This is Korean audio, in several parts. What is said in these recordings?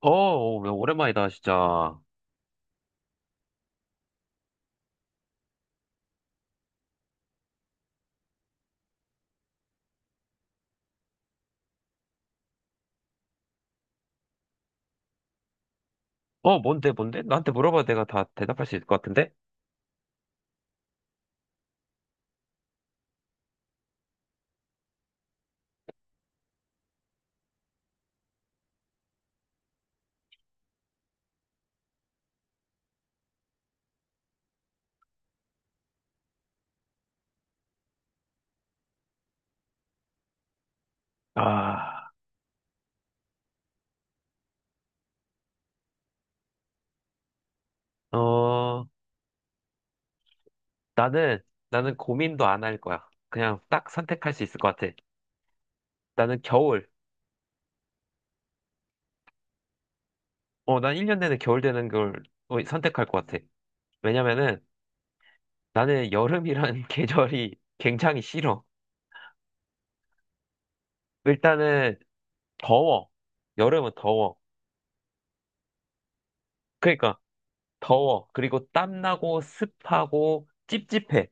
야, 오랜만이다, 진짜. 뭔데, 뭔데? 나한테 물어봐도 내가 다 대답할 수 있을 것 같은데? 아, 어, 나는, 나는 고민도 안 할 거야. 그냥 딱 선택할 수 있을 것 같아. 나는 겨울. 난 1년 내내 겨울 되는 걸 선택할 것 같아. 왜냐면은 나는 여름이라는 계절이 굉장히 싫어. 일단은 더워. 여름은 더워. 그러니까 더워. 그리고 땀나고 습하고 찝찝해.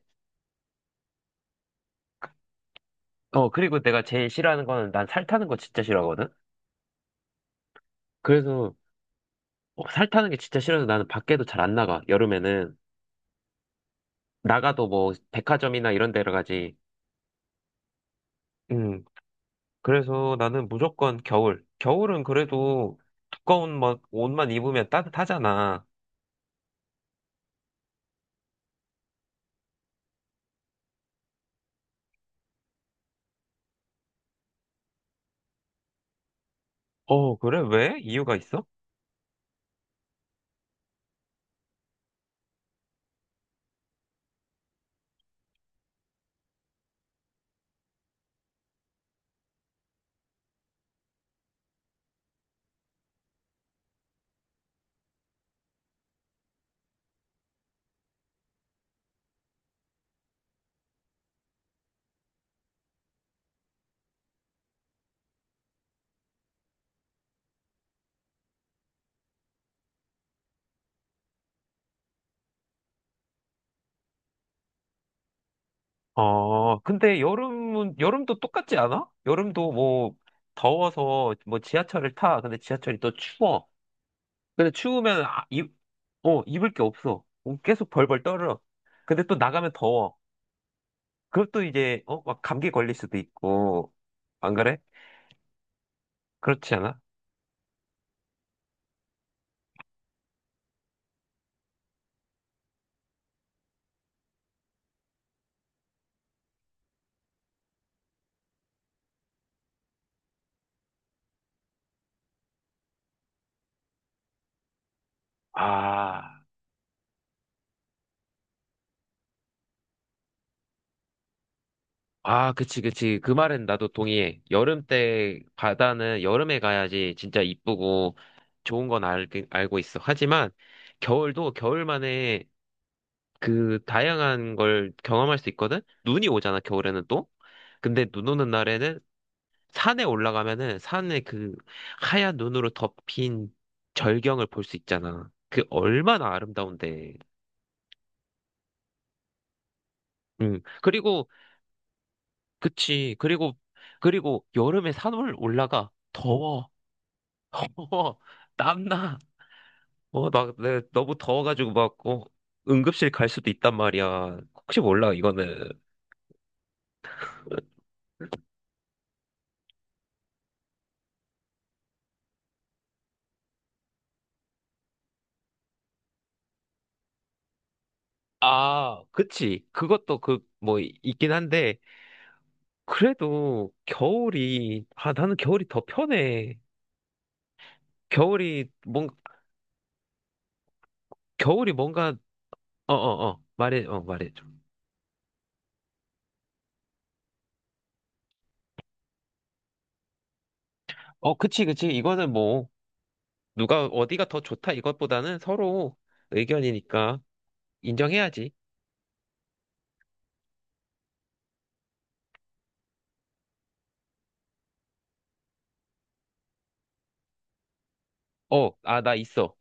그리고 내가 제일 싫어하는 거는 난 살 타는 거 진짜 싫어하거든? 그래서 살 타는 게 진짜 싫어서 나는 밖에도 잘 안 나가, 여름에는. 나가도 뭐 백화점이나 이런 데로 가지. 음, 그래서 나는 무조건 겨울. 겨울은 그래도 두꺼운 막 옷만 입으면 따뜻하잖아. 어, 그래? 왜? 이유가 있어? 어, 근데 여름은, 여름도 똑같지 않아? 여름도 뭐 더워서 뭐 지하철을 타. 근데 지하철이 또 추워. 근데 추우면 입을 게 없어. 계속 벌벌 떨어. 근데 또 나가면 더워. 그것도 이제, 막 감기 걸릴 수도 있고. 안 그래? 그렇지 않아? 아, 그치, 그치. 그 말은 나도 동의해. 여름 때 바다는 여름에 가야지 진짜 이쁘고 좋은 건 알고 있어. 하지만 겨울도 겨울만의 그 다양한 걸 경험할 수 있거든? 눈이 오잖아, 겨울에는 또. 근데 눈 오는 날에는 산에 올라가면은 산에 그 하얀 눈으로 덮인 절경을 볼 수 있잖아. 그 얼마나 아름다운데. 응. 그리고 그치. 그리고 여름에 산을 올라가 더워. 더워. 땀나. 어, 나 내가 너무 더워가지고 막 응급실 갈 수도 있단 말이야. 혹시 몰라 이거는. 아, 그치. 그것도 그 뭐 이- 있긴 한데 그래도 겨울이 아 나는 겨울이 더 편해. 겨울이 뭔가 겨울이 뭔가, 어, 어, 어, 말해, 어, 말해줘. 어, 그치, 그치. 이거는 뭐, 누가 어디가 더 좋다 이것보다는 서로 의견이니까 인정해야지. 어, 아, 나 있어.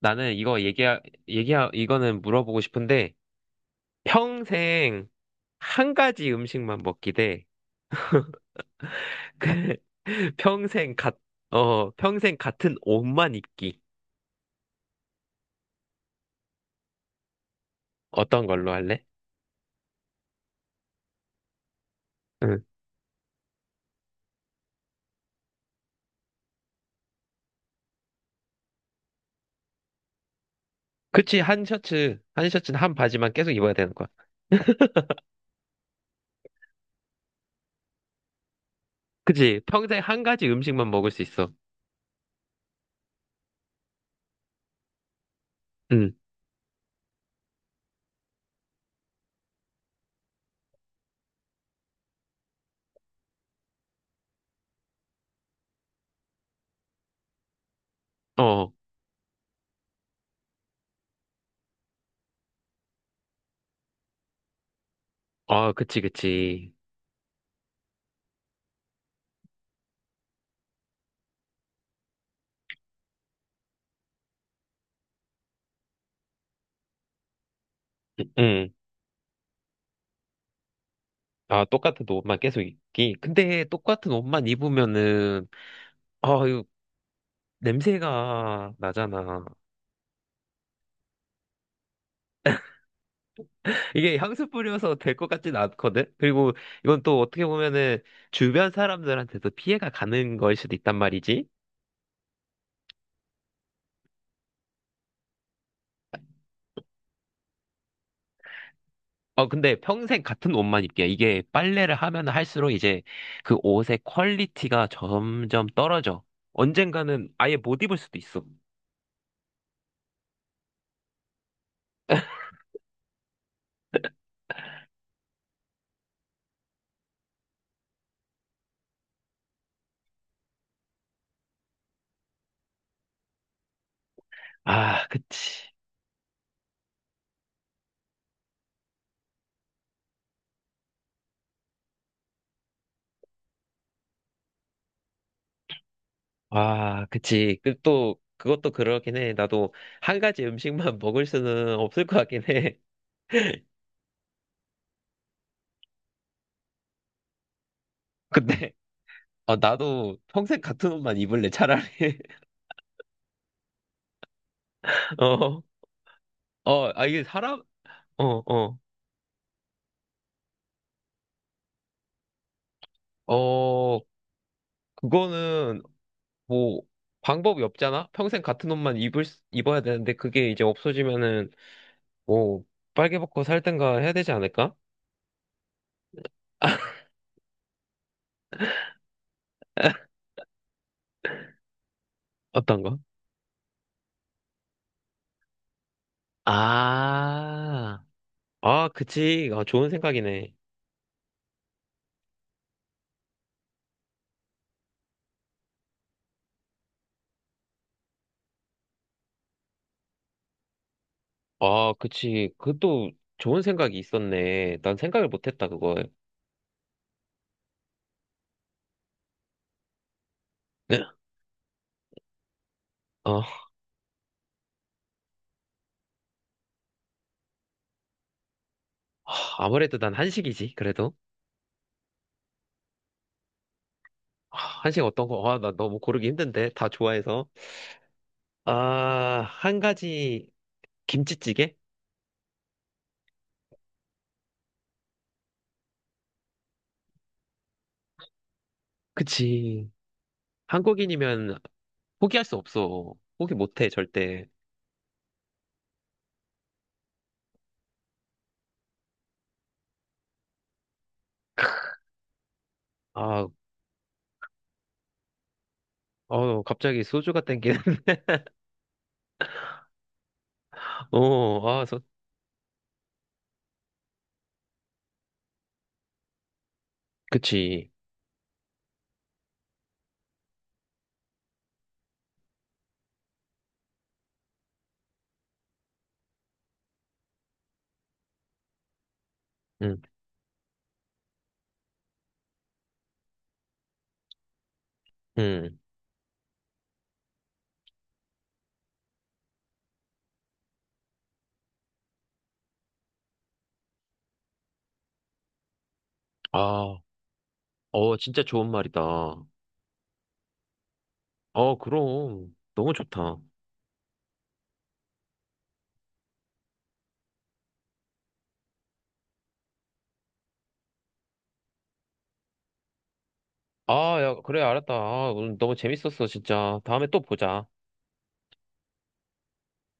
나는 이거 얘기하, 얘기하, 이거는 물어보고 싶은데 평생 한 가지 음식만 먹기 대 그, 평생 같, 어, 평생 같은 옷만 입기. 어떤 걸로 할래? 응. 그치, 한 셔츠, 한 셔츠는 한 바지만 계속 입어야 되는 거야. 그치? 평생 한 가지 음식만 먹을 수 있어. 응, 어, 아, 그치, 그치. 응, 아, 똑같은 옷만 계속 입기. 근데 똑같은 옷만 입으면은, 아, 이거 냄새가 나잖아. 이게 향수 뿌려서 될 것 같진 않거든? 그리고 이건 또 어떻게 보면은 주변 사람들한테도 피해가 가는 걸 수도 있단 말이지. 어, 근데 평생 같은 옷만 입게. 이게 빨래를 하면 할수록 이제 그 옷의 퀄리티가 점점 떨어져. 언젠가는 아예 못 입을 수도 있어. 아, 그치. 아, 그치. 또, 그것도 그러긴 해. 나도 한 가지 음식만 먹을 수는 없을 것 같긴 해. 근데, 나도 평생 같은 옷만 입을래, 차라리. 어, 어, 아, 이게 사람, 어, 어, 어, 그거는 뭐, 방법이 없잖아? 평생 같은 옷만 입어야 되는데, 그게 이제 없어지면은, 뭐, 빨개 벗고 살든가 해야 되지 않을까? 어떤가? 아, 그치. 아, 좋은 생각이네. 아, 그치. 그것도 좋은 생각이 있었네. 난 생각을 못했다, 그걸. 네. 어, 아무래도 난 한식이지, 그래도. 한식 어떤 거? 아, 나 너무 고르기 힘든데. 다 좋아해서. 아, 한 가지, 김치찌개? 그치. 한국인이면 포기할 수 없어. 포기 못해, 절대. 아, 갑자기 소주가 땡기는. 어, 아, 소, 그치. 응, 응. 아, 진짜 좋은 말이다. 어, 그럼. 너무 좋다. 아, 야, 그래, 알았다. 아, 오늘 너무 재밌었어, 진짜. 다음에 또 보자.